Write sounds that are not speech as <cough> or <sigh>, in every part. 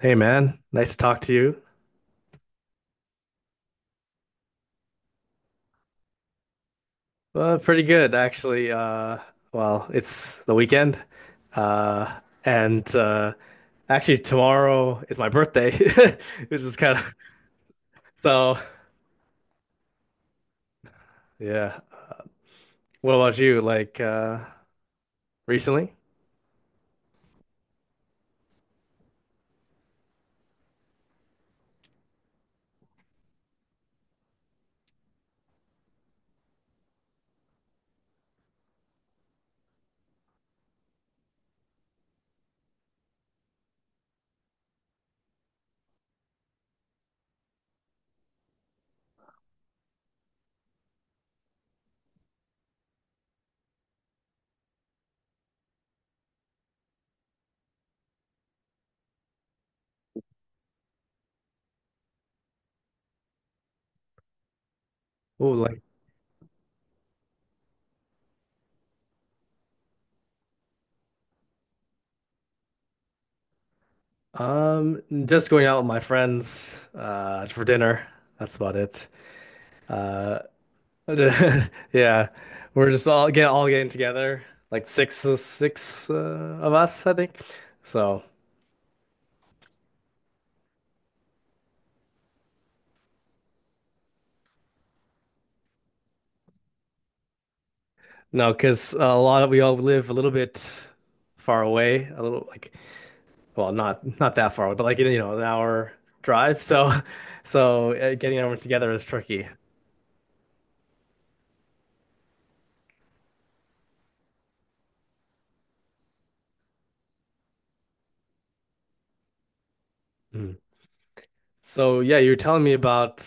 Hey man, nice to talk to you. Pretty good actually. Well, it's the weekend, uh, and actually tomorrow is my birthday, <laughs> which is kind of so. Yeah. What about you? Like recently? Oh, like just going out with my friends for dinner. That's about it. Uh, <laughs> yeah, we're just all getting together, like six of us, I think. So. No, because a lot of we all live a little bit far away, a little like well, not that far away, but like you know, an hour drive. So, <laughs> so getting everyone together is tricky. Mm. So yeah, you were telling me about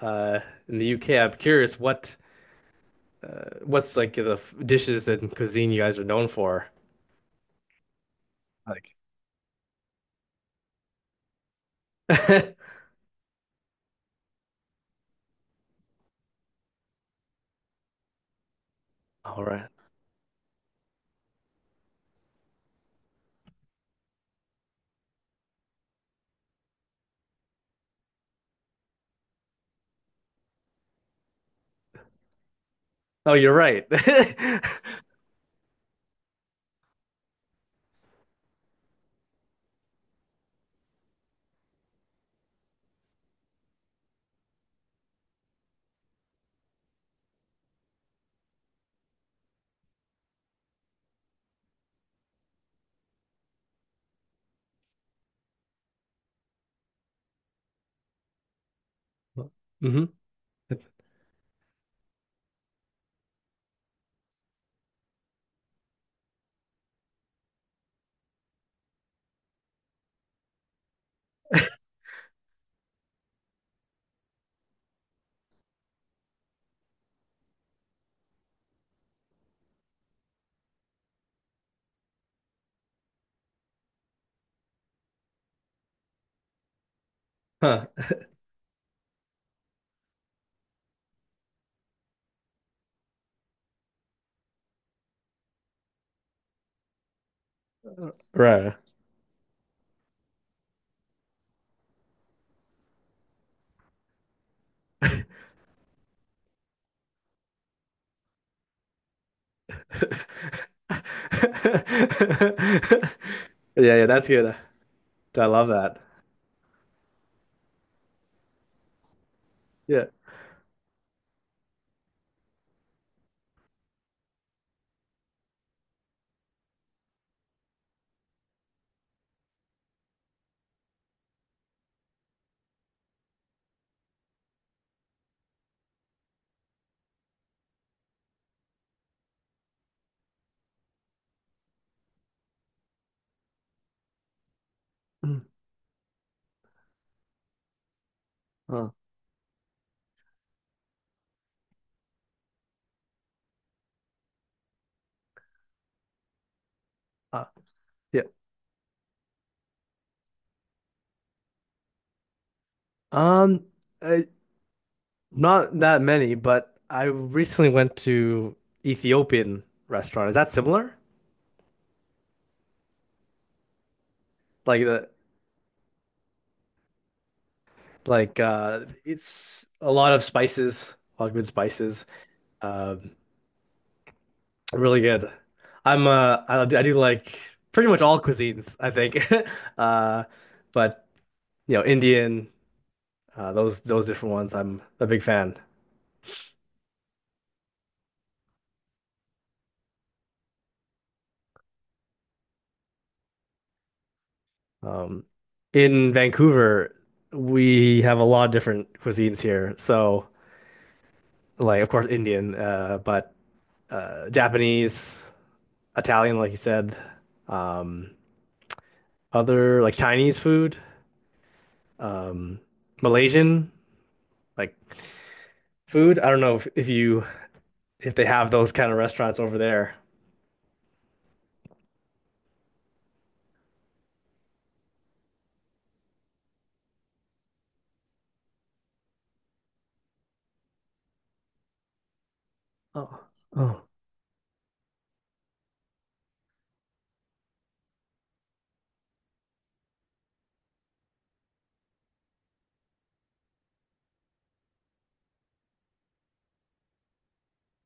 uh in the UK. I'm curious what what's like the dishes and cuisine you guys are known for. Like, <laughs> all right. Oh, you're right. <laughs> Hmm. Huh. Right. <laughs> Yeah, yeah, that's good. I love that. Yeah. <clears throat> Mm. Uh, uh, yeah. Um, uh, not that many, but I recently went to Ethiopian restaurant. Is that similar? Like the like it's a lot of spices, a lot of good spices. Um, really good. I do like pretty much all cuisines, I think. <laughs> Uh, but you know, Indian. Those different ones, I'm a big fan. Um, in Vancouver, we have a lot of different cuisines here. So, like, of course, Indian, but Japanese, Italian, like you said, um, other like Chinese food, um, Malaysian, like food. I don't know if you if they have those kind of restaurants over there. Oh, oh,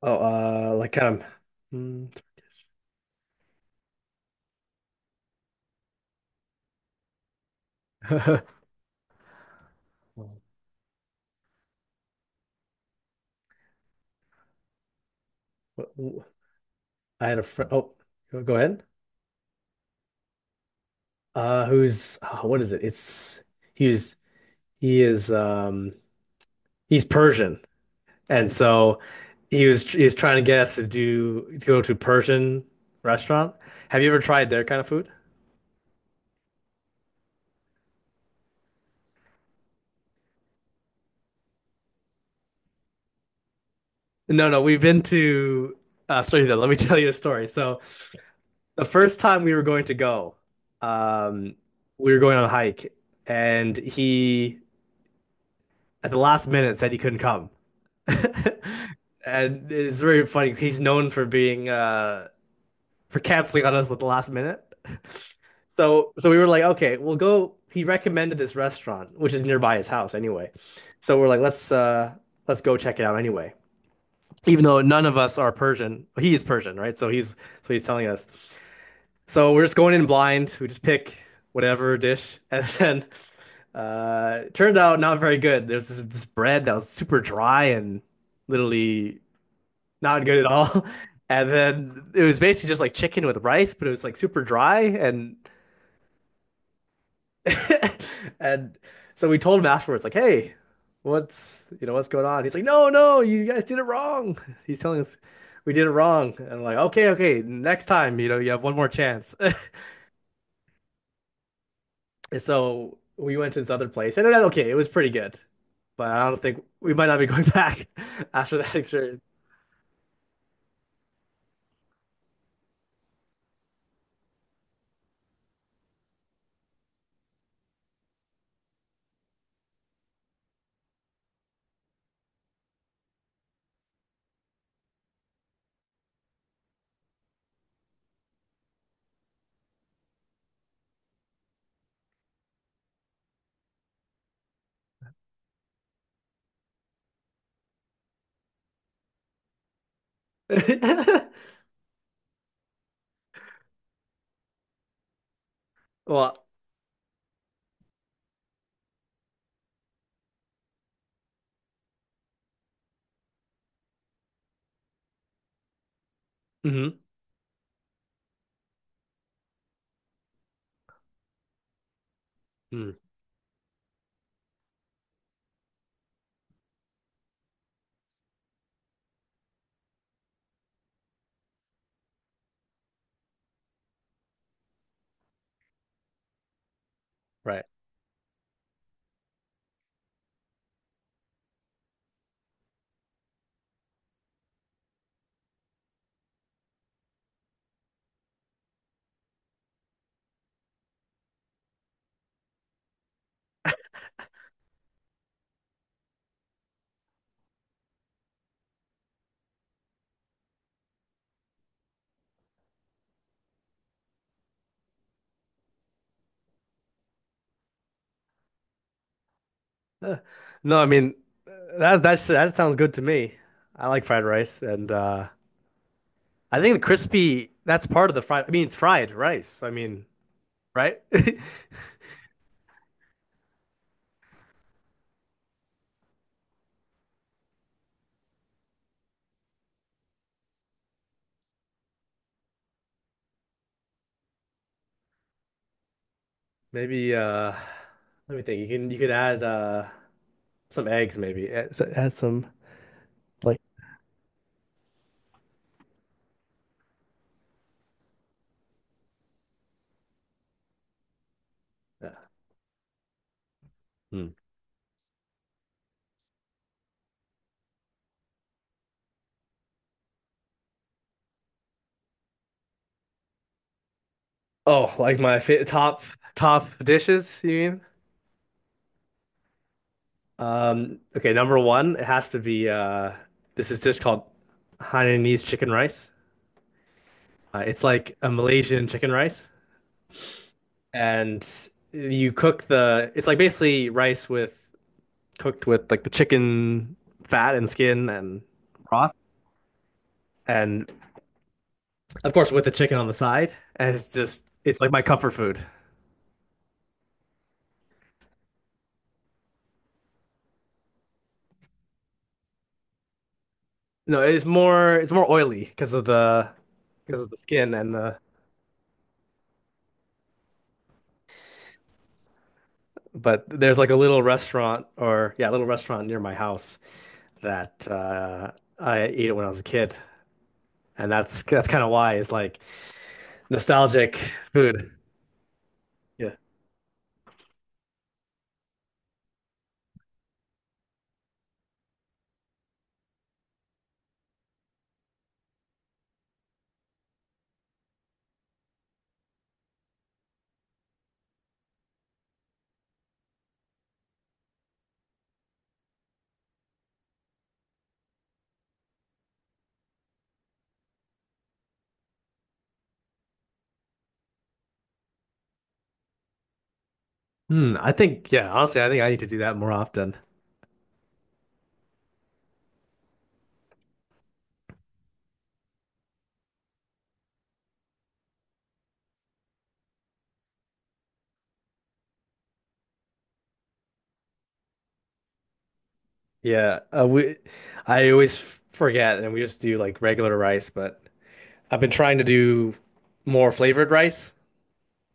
oh, like kind of. Mm, <laughs> I had a friend. Oh, go ahead. What is it? It's he was he is um he's Persian, and so he was trying to get us to go to a Persian restaurant. Have you ever tried their kind of food? No, no, we've been to sorry then, let me <laughs> tell you a story. So the first time we were going to go, um we were going on a hike and he at the last minute said he couldn't come. <laughs> And it's very funny. He's known for being for canceling on us at the last minute. <laughs> So we were like, okay, we'll go. He recommended this restaurant, which is nearby his house anyway. So we're like, let's go check it out anyway. Even though none of us are Persian, he is Persian, right? So he's telling us. So we're just going in blind. We just pick whatever dish, <laughs> and then it turned out not very good. There's this bread that was super dry and literally not good at all. <laughs> And then it was basically just like chicken with rice, but it was like super dry and <laughs> and so we told him afterwards, like, hey, what's what's going on? He's like, no, no, you guys did it wrong. <laughs> He's telling us we did it wrong. And I'm like, okay, okay, next time, you have one more chance. <laughs> And so we went to this other place, and it was okay. It was pretty good, but I don't think we might not be going back <laughs> after that experience. <laughs> Well, hmm, right. No, I mean that's that sounds good to me. I like fried rice and I think the crispy that's part of the fried I mean it's fried rice. I mean, right? <laughs> Maybe let me think. You can you could add some eggs maybe. Add, add some like yeah. Hmm. Oh, like my fa top dishes, you mean? Okay, number one, it has to be this is dish called Hainanese chicken rice. It's like a Malaysian chicken rice. And you cook the it's like basically rice with cooked with like the chicken fat and skin and broth and of course with the chicken on the side and it's just it's like my comfort food. No it's more oily because of the skin and the but there's like a little restaurant or yeah a little restaurant near my house that I ate it when I was a kid and that's kind of why it's like nostalgic food, yeah. Hmm, I think yeah, honestly, I think I need to do that more often. Yeah, we I always forget and we just do like regular rice, but I've been trying to do more flavored rice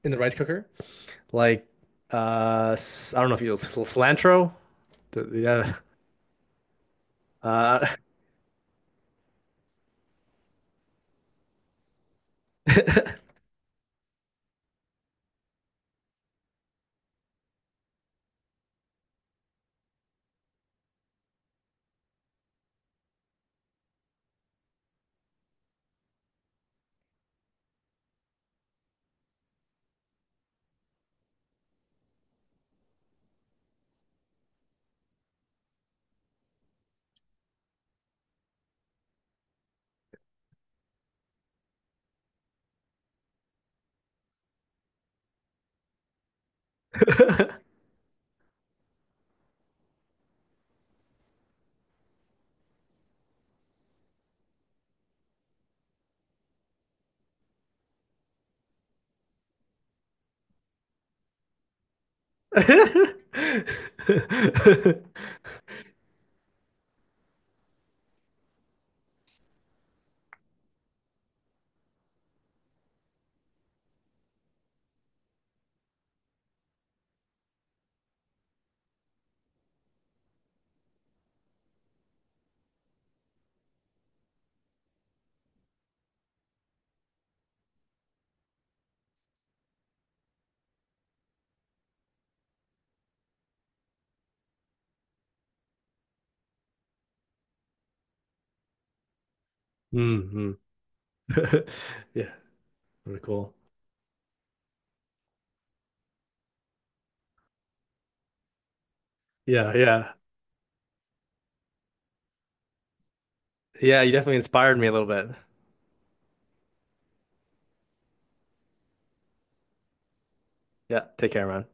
in the rice cooker. Like I don't know if you cilantro. The, uh, uh <laughs> hmm <laughs> Yeah, pretty cool. Yeah, yeah. Yeah, you definitely inspired me a little bit. Yeah, take care, man.